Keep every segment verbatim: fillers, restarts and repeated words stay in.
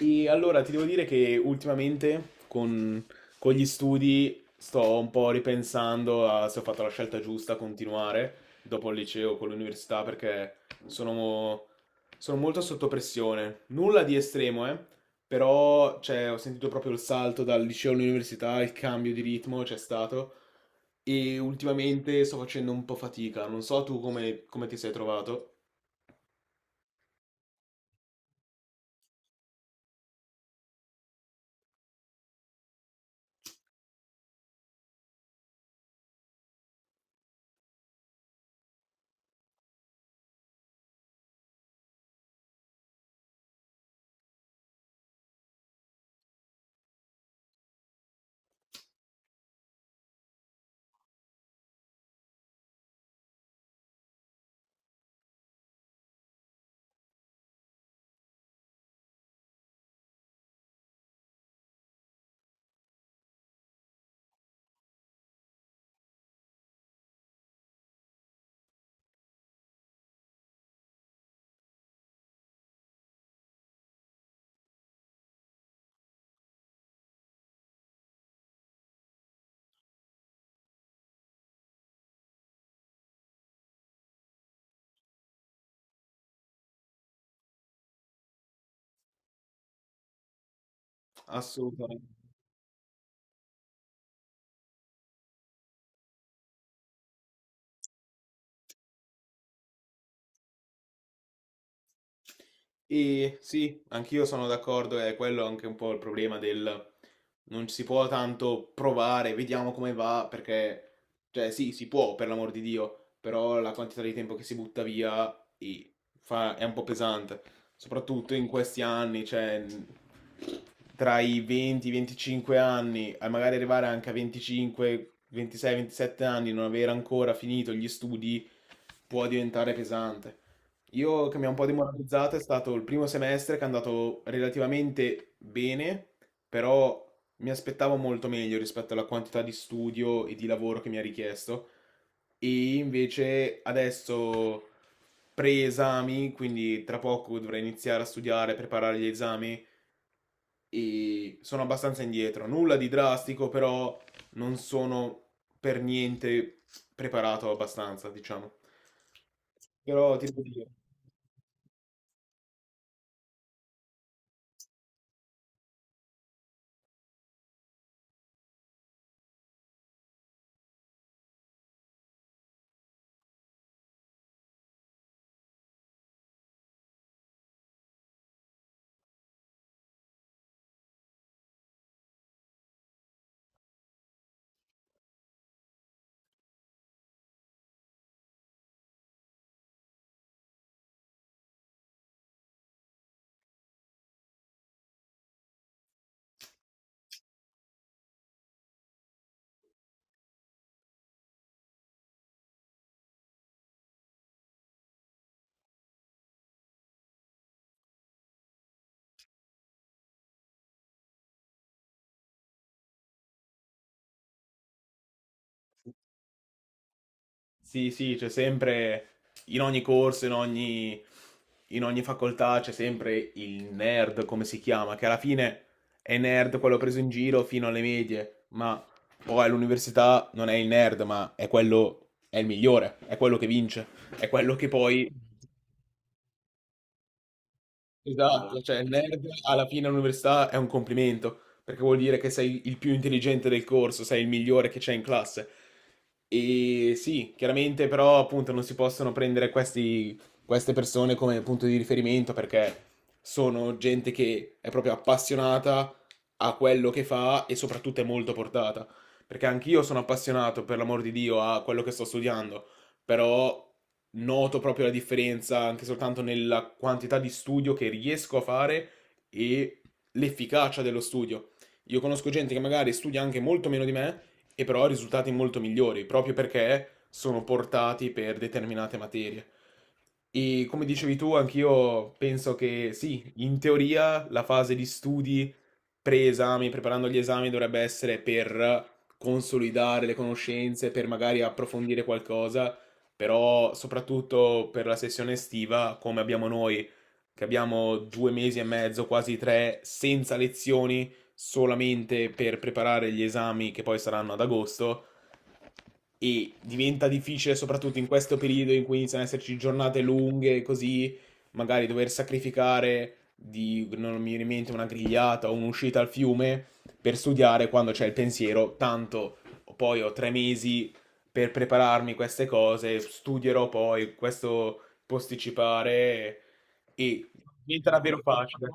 E allora ti devo dire che ultimamente con, con gli studi sto un po' ripensando a se ho fatto la scelta giusta a continuare dopo il liceo con l'università perché sono, sono molto sotto pressione. Nulla di estremo, eh, però cioè, ho sentito proprio il salto dal liceo all'università, il cambio di ritmo c'è stato e ultimamente sto facendo un po' fatica. Non so tu come, come ti sei trovato. Assolutamente. E sì, anch'io sono d'accordo, è quello anche un po' il problema del non si può tanto provare, vediamo come va, perché, cioè sì, si può, per l'amor di Dio, però la quantità di tempo che si butta via e fa- è un po' pesante, soprattutto in questi anni, cioè n- tra i venti, venticinque anni, a magari arrivare anche a venticinque, ventisei, ventisette anni, non aver ancora finito gli studi, può diventare pesante. Io che mi ha un po' demoralizzato è stato il primo semestre che è andato relativamente bene, però mi aspettavo molto meglio rispetto alla quantità di studio e di lavoro che mi ha richiesto. E invece adesso pre-esami, quindi tra poco dovrei iniziare a studiare, preparare gli esami e sono abbastanza indietro. Nulla di drastico, però non sono per niente preparato abbastanza, diciamo. Però ti devo dire. Sì, sì, c'è sempre, in ogni corso, in ogni, in ogni facoltà c'è sempre il nerd, come si chiama, che alla fine è nerd quello preso in giro fino alle medie, ma poi all'università non è il nerd, ma è quello, è il migliore, è quello che vince, è quello che poi. Esatto. Allora, cioè il nerd alla fine all'università è un complimento, perché vuol dire che sei il più intelligente del corso, sei il migliore che c'è in classe. E sì, chiaramente però appunto non si possono prendere questi- queste persone come punto di riferimento perché sono gente che è proprio appassionata a quello che fa e soprattutto è molto portata. Perché anch'io sono appassionato, per l'amor di Dio, a quello che sto studiando però noto proprio la differenza anche soltanto nella quantità di studio che riesco a fare e l'efficacia dello studio. Io conosco gente che magari studia anche molto meno di me e però ha risultati molto migliori, proprio perché sono portati per determinate materie. E come dicevi tu, anch'io penso che sì, in teoria la fase di studi pre-esami, preparando gli esami, dovrebbe essere per consolidare le conoscenze, per magari approfondire qualcosa però soprattutto per la sessione estiva, come abbiamo noi, che abbiamo due mesi e mezzo, quasi tre, senza lezioni, solamente per preparare gli esami che poi saranno ad agosto, e diventa difficile soprattutto in questo periodo in cui iniziano ad esserci giornate lunghe, così magari dover sacrificare di, non mi viene in mente, una grigliata o un'uscita al fiume per studiare quando c'è il pensiero, tanto poi ho tre mesi per prepararmi queste cose, studierò poi questo posticipare e diventa davvero facile.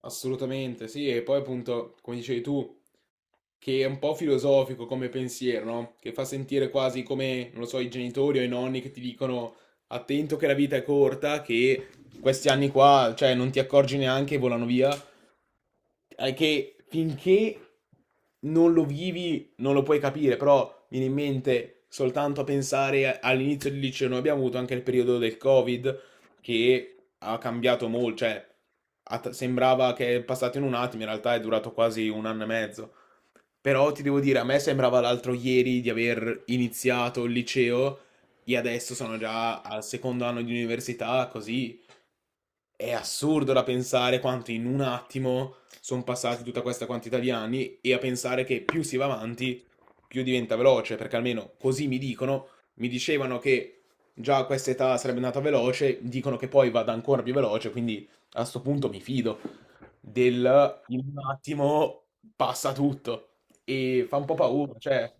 Assolutamente, sì, e poi appunto, come dicevi tu, che è un po' filosofico come pensiero, no? Che fa sentire quasi come, non lo so, i genitori o i nonni che ti dicono attento che la vita è corta, che questi anni qua, cioè, non ti accorgi neanche e volano via, è che finché non lo vivi non lo puoi capire, però viene in mente soltanto a pensare a- all'inizio del liceo. Noi abbiamo avuto anche il periodo del Covid che ha cambiato molto, cioè ha t- sembrava che è passato in un attimo, in realtà è durato quasi un anno e mezzo. Però ti devo dire, a me sembrava l'altro ieri di aver iniziato il liceo e adesso sono già al secondo anno di università, così è assurdo da pensare quanto in un attimo sono passati tutta questa quantità di anni e a pensare che più si va avanti, più diventa veloce, perché almeno così mi dicono, mi dicevano che già a questa età sarebbe andata veloce, dicono che poi vada ancora più veloce, quindi a sto punto mi fido del in un attimo passa tutto e fa un po' paura, cioè.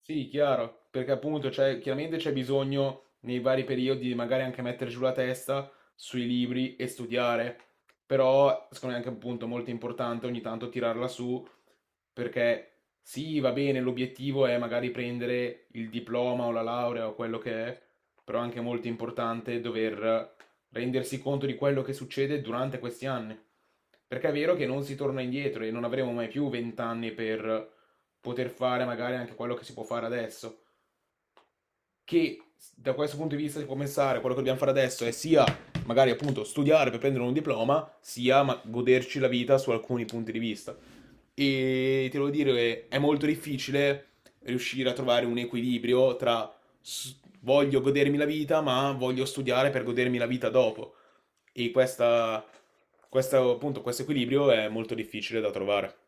Sì, chiaro, perché appunto c'è- chiaramente c'è bisogno nei vari periodi di magari anche mettere giù la testa sui libri e studiare, però secondo me è anche appunto molto importante ogni tanto tirarla su perché sì, va bene, l'obiettivo è magari prendere il diploma o la laurea o quello che è, però è anche molto importante dover rendersi conto di quello che succede durante questi anni, perché è vero che non si torna indietro e non avremo mai più vent'anni per poter fare magari anche quello che si può fare adesso. Che da questo punto di vista si può pensare, quello che dobbiamo fare adesso è sia magari appunto studiare per prendere un diploma, sia ma- goderci la vita su alcuni punti di vista. E ti devo dire, è molto difficile riuscire a trovare un equilibrio tra s- voglio godermi la vita, ma voglio studiare per godermi la vita dopo. E questa, questa, appunto, questo equilibrio è molto difficile da trovare.